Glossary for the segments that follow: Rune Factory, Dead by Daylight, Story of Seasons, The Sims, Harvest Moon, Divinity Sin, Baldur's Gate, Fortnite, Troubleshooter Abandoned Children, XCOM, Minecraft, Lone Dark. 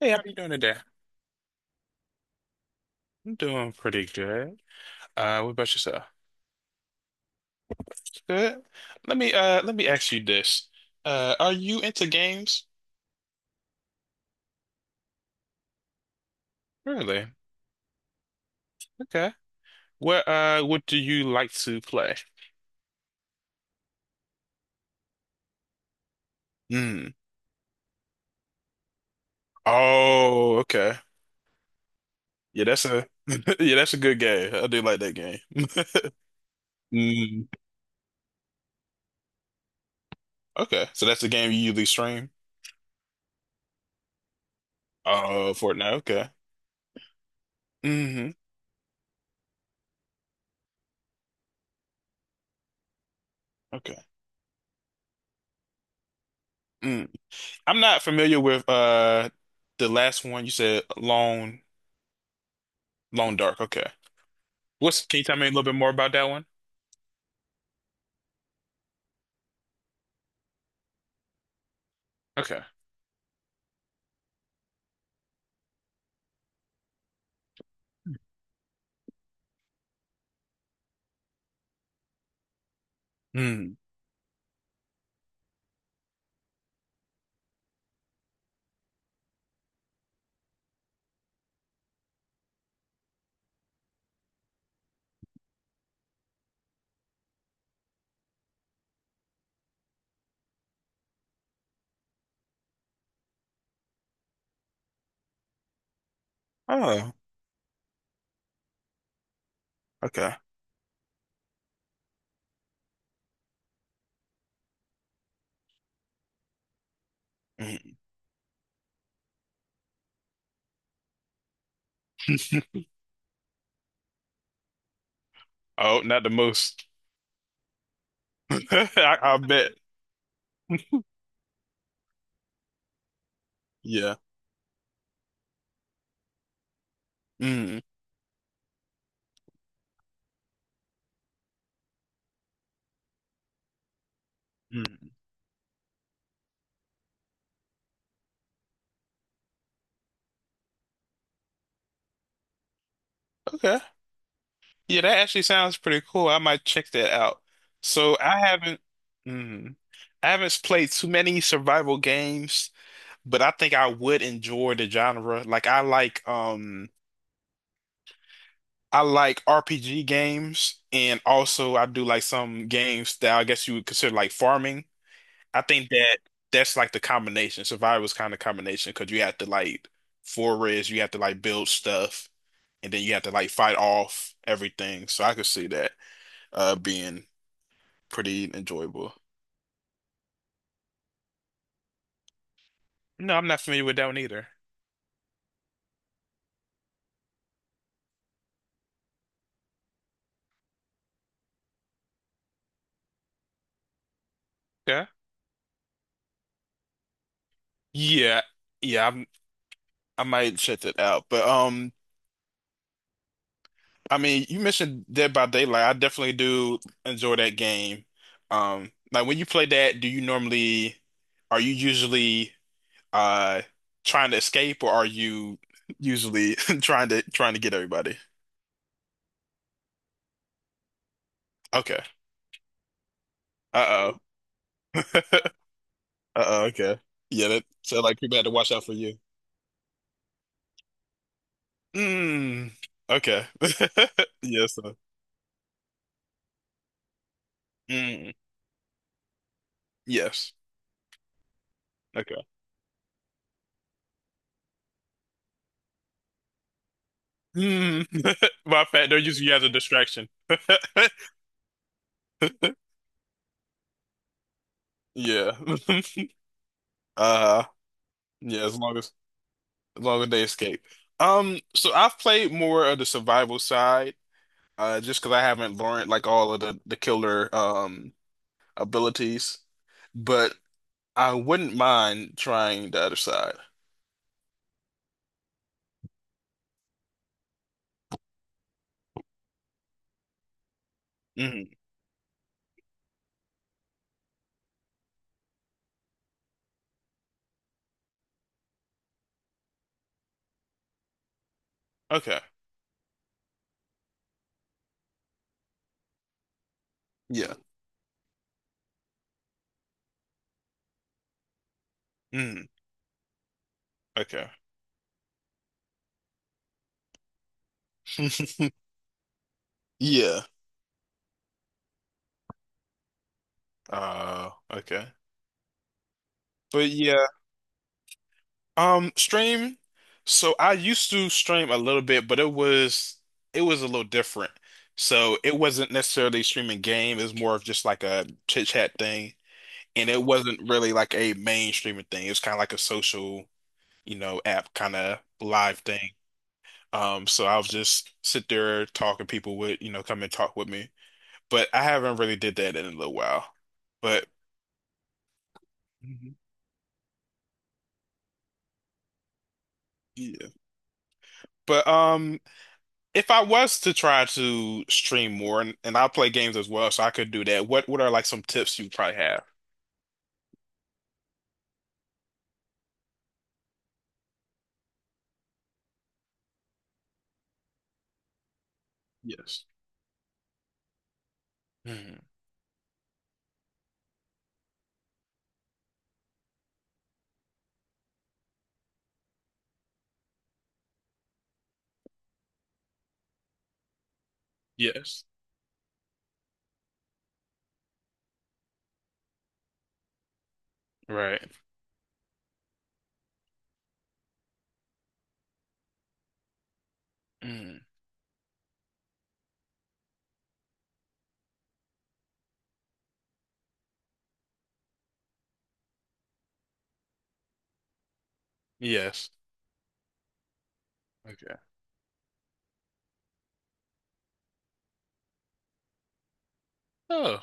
Hey, how are you doing today? I'm doing pretty good. What about yourself? Good. Let me ask you this. Are you into games? Really? Okay. What what do you like to play? Hmm. Oh, okay. Yeah, that's a yeah, that's a good game. I do like that game. Mm. Okay. So that's the game you usually stream? Oh, Fortnite. Okay. Hmm. Okay. Mm. I'm not familiar with the last one you said, Lone Dark. Okay. What's, can you tell me a little bit more about that one? Okay. Hmm. Oh, okay. Hmm. Oh, not the most. I bet. Yeah. Hmm. Hmm. Okay. Yeah, that actually sounds pretty cool. I might check that out. So I haven't, Hmm, I haven't played too many survival games, but I think I would enjoy the genre. Like I like, I like RPG games, and also I do like some games that I guess you would consider like farming. I think that That's like the combination. Survivor's kind of combination because you have to like forage, you have to like build stuff, and then you have to like fight off everything. So I could see that being pretty enjoyable. No, I'm not familiar with that one either. Yeah. Yeah. Yeah, I'm, I might check that out. But I mean, you mentioned Dead by Daylight. I definitely do enjoy that game. Like when you play that, do you normally are you usually uh trying to escape or are you usually trying to get everybody? Okay. Uh-oh. Uh-oh, okay. Yeah, that sounds like people had to watch out for you. Mm. Okay. Yes, sir. Mm. Yes. Okay. Mm. My fact, they're using you as a distraction. Yeah. Uh, yeah, as long as as long as they escape. So I've played more of the survival side. Just because I haven't learned like all of the killer abilities, but I wouldn't mind trying the other side. Hmm. Okay. Yeah. Mm. Okay. Yeah. Okay. But yeah, stream. So I used to stream a little bit, but it was a little different. So it wasn't necessarily streaming game. It was more of just like a chit chat thing, and it wasn't really like a main streaming thing. It was kind of like a social, you know, app kind of live thing. So I'll just sit there talking people would, you know, come and talk with me. But I haven't really did that in a little while. But mhm. Yeah. But if I was to try to stream more and I play games as well, so I could do that, what are like some tips you probably have? Yes. Mhm. Yes. Right. Mhm. Yes. Okay. Oh.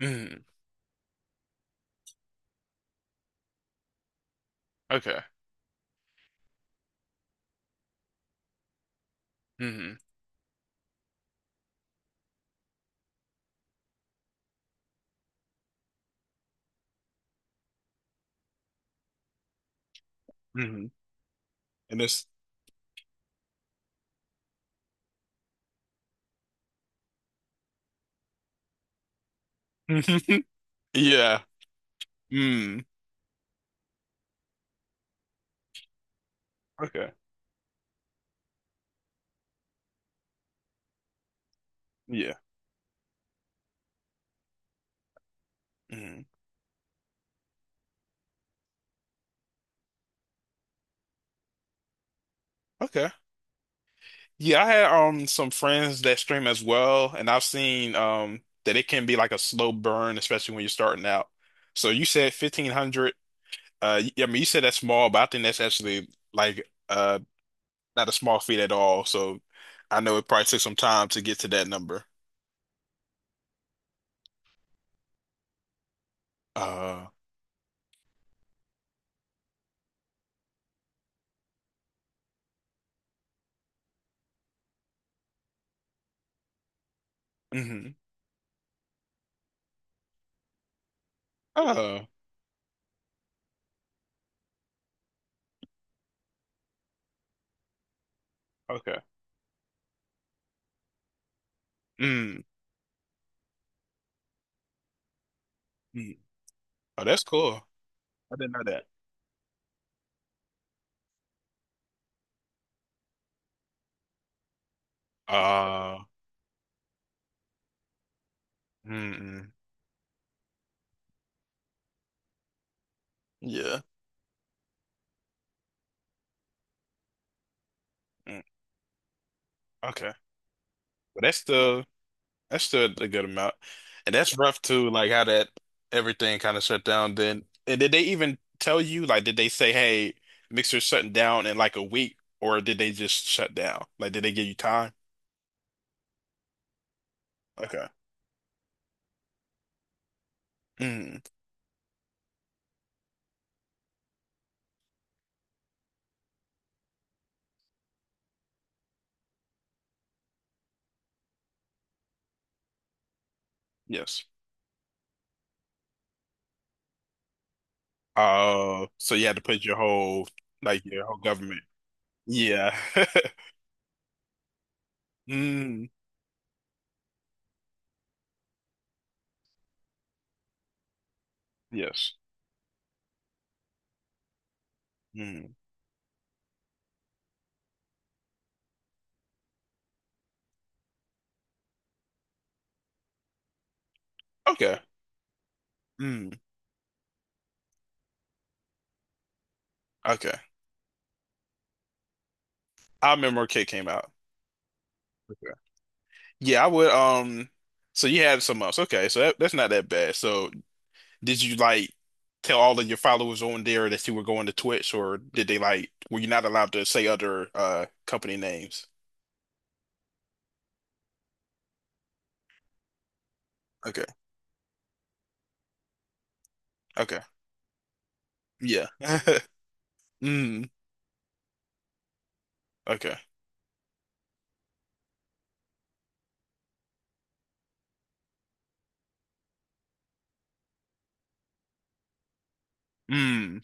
Mhm. Okay. Mhm. Mhm. And this yeah. Mm. Okay. Yeah. Mhm. Okay. Yeah, I had some friends that stream as well, and I've seen that it can be like a slow burn, especially when you're starting out. So you said 1,500. I mean, you said that's small, but I think that's actually like not a small feat at all. So I know it probably took some time to get to that number. Uh, mm-hmm. Oh, okay. Mm, mm. Oh, that's cool. I didn't know that. Uh, mm-mm. Yeah. Mm, okay. Well, that's still a good amount. And that's rough too, like how that everything kind of shut down then. And did they even tell you, like, did they say, hey, Mixer's shutting down in like a week, or did they just shut down? Like, did they give you time? Okay. Mm, yes. So you had to put your whole, like, your whole government. Yeah. Mm, yes. Mm. Okay. Mm, okay. I remember when Kid came out. Okay. Yeah, I would. So you had some months. Okay, so that's not that bad. So did you like tell all of your followers on there that you were going to Twitch, or did they like were you not allowed to say other company names? Okay, okay, yeah, mm, okay, mm.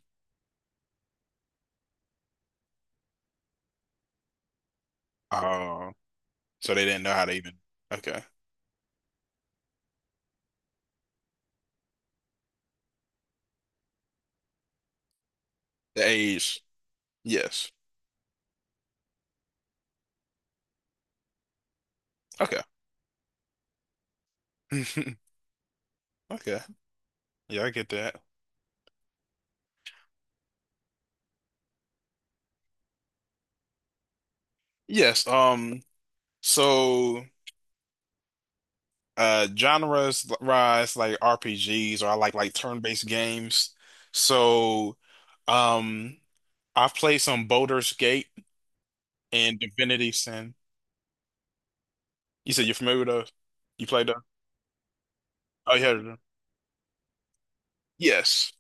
Oh, so they didn't know how to even. Okay, the age, yes, okay, okay, yeah, I get that. Yes, so genres rise like RPGs, or I like turn-based games. So, um. I've played some Baldur's Gate and Divinity Sin. You said you're familiar with those? You played those? Oh, you heard of them? Yes.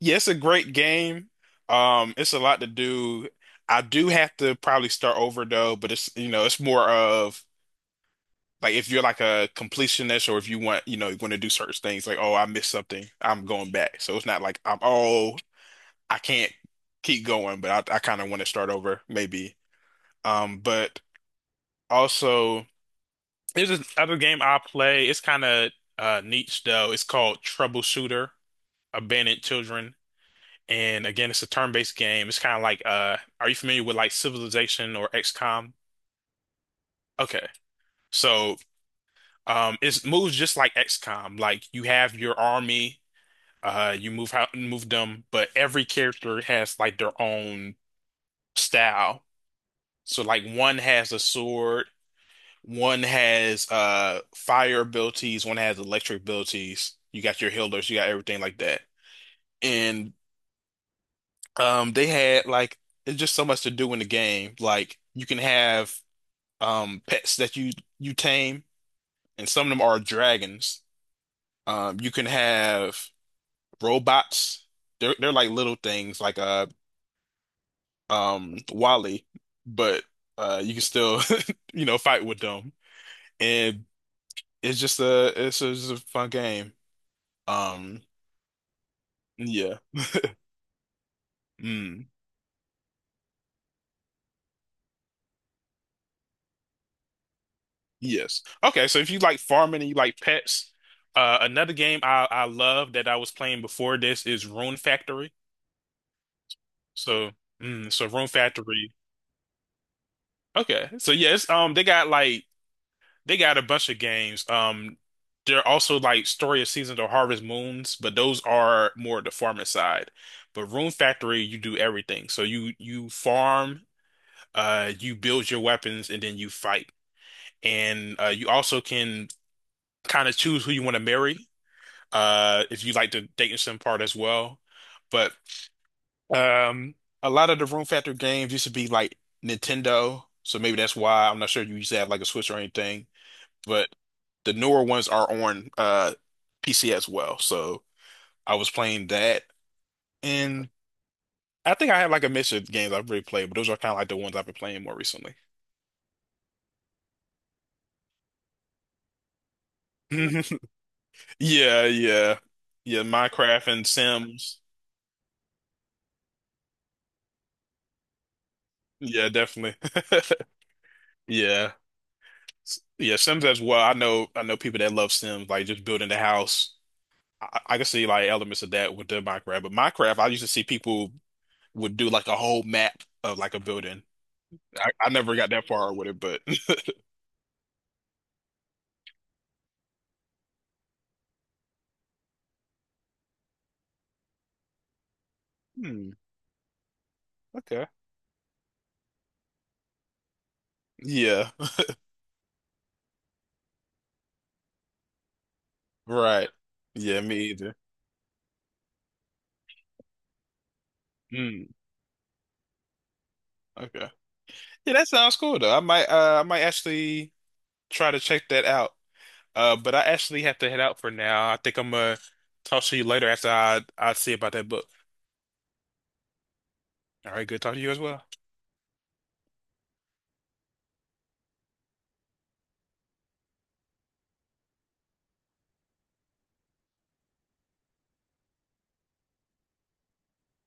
Yeah, it's a great game. It's a lot to do. I do have to probably start over though, but it's you know, it's more of like if you're like a completionist or if you want, you know, you want to do certain things like, oh, I missed something, I'm going back. So it's not like I'm oh, I can't keep going, I kind of want to start over maybe. But also. There's this other game I play. It's kind of niche though. It's called Troubleshooter, Abandoned Children. And again, it's a turn-based game. It's kind of like are you familiar with like Civilization or XCOM? Okay, so it moves just like XCOM. Like you have your army, you move how move them, but every character has like their own style. So like one has a sword, one has fire abilities, one has electric abilities. You got your healers, you got everything like that. And they had like it's just so much to do in the game. Like you can have pets that you tame and some of them are dragons. Um, you can have robots. They're like little things like Wally, but you can still you know fight with them. And it's just it's a fun game. Um, yeah. Mm. Yes. Okay. So if you like farming and you like pets, another game I love that I was playing before this is Rune Factory. So, Rune Factory. Okay. So yes, they got a bunch of games. They're also like Story of Seasons or Harvest Moons, but those are more the farming side. But Rune Factory, you do everything. So you farm, you build your weapons, and then you fight. And you also can kind of choose who you want to marry, if you like the dating sim part as well. But um, a lot of the Room Factor games used to be like Nintendo, so maybe that's why. I'm not sure you used to have like a Switch or anything, but the newer ones are on PC as well. So I was playing that, and I think I have like a mix of games I've really played, but those are kind of like the ones I've been playing more recently. Yeah, yeah, yeah. Minecraft and Sims. Yeah, definitely. Yeah. Yeah, Sims as well. I know people that love Sims, like just building the house. I can see like elements of that with the Minecraft. But Minecraft, I used to see people would do like a whole map of like a building. I never got that far with it, but hmm, okay. Yeah, right. Yeah, me either. Hmm, okay. Yeah, that sounds cool though. I might actually try to check that out. Uh, but I actually have to head out for now. I think I'm gonna talk to you later after I see about that book. All right, good talking to you as well.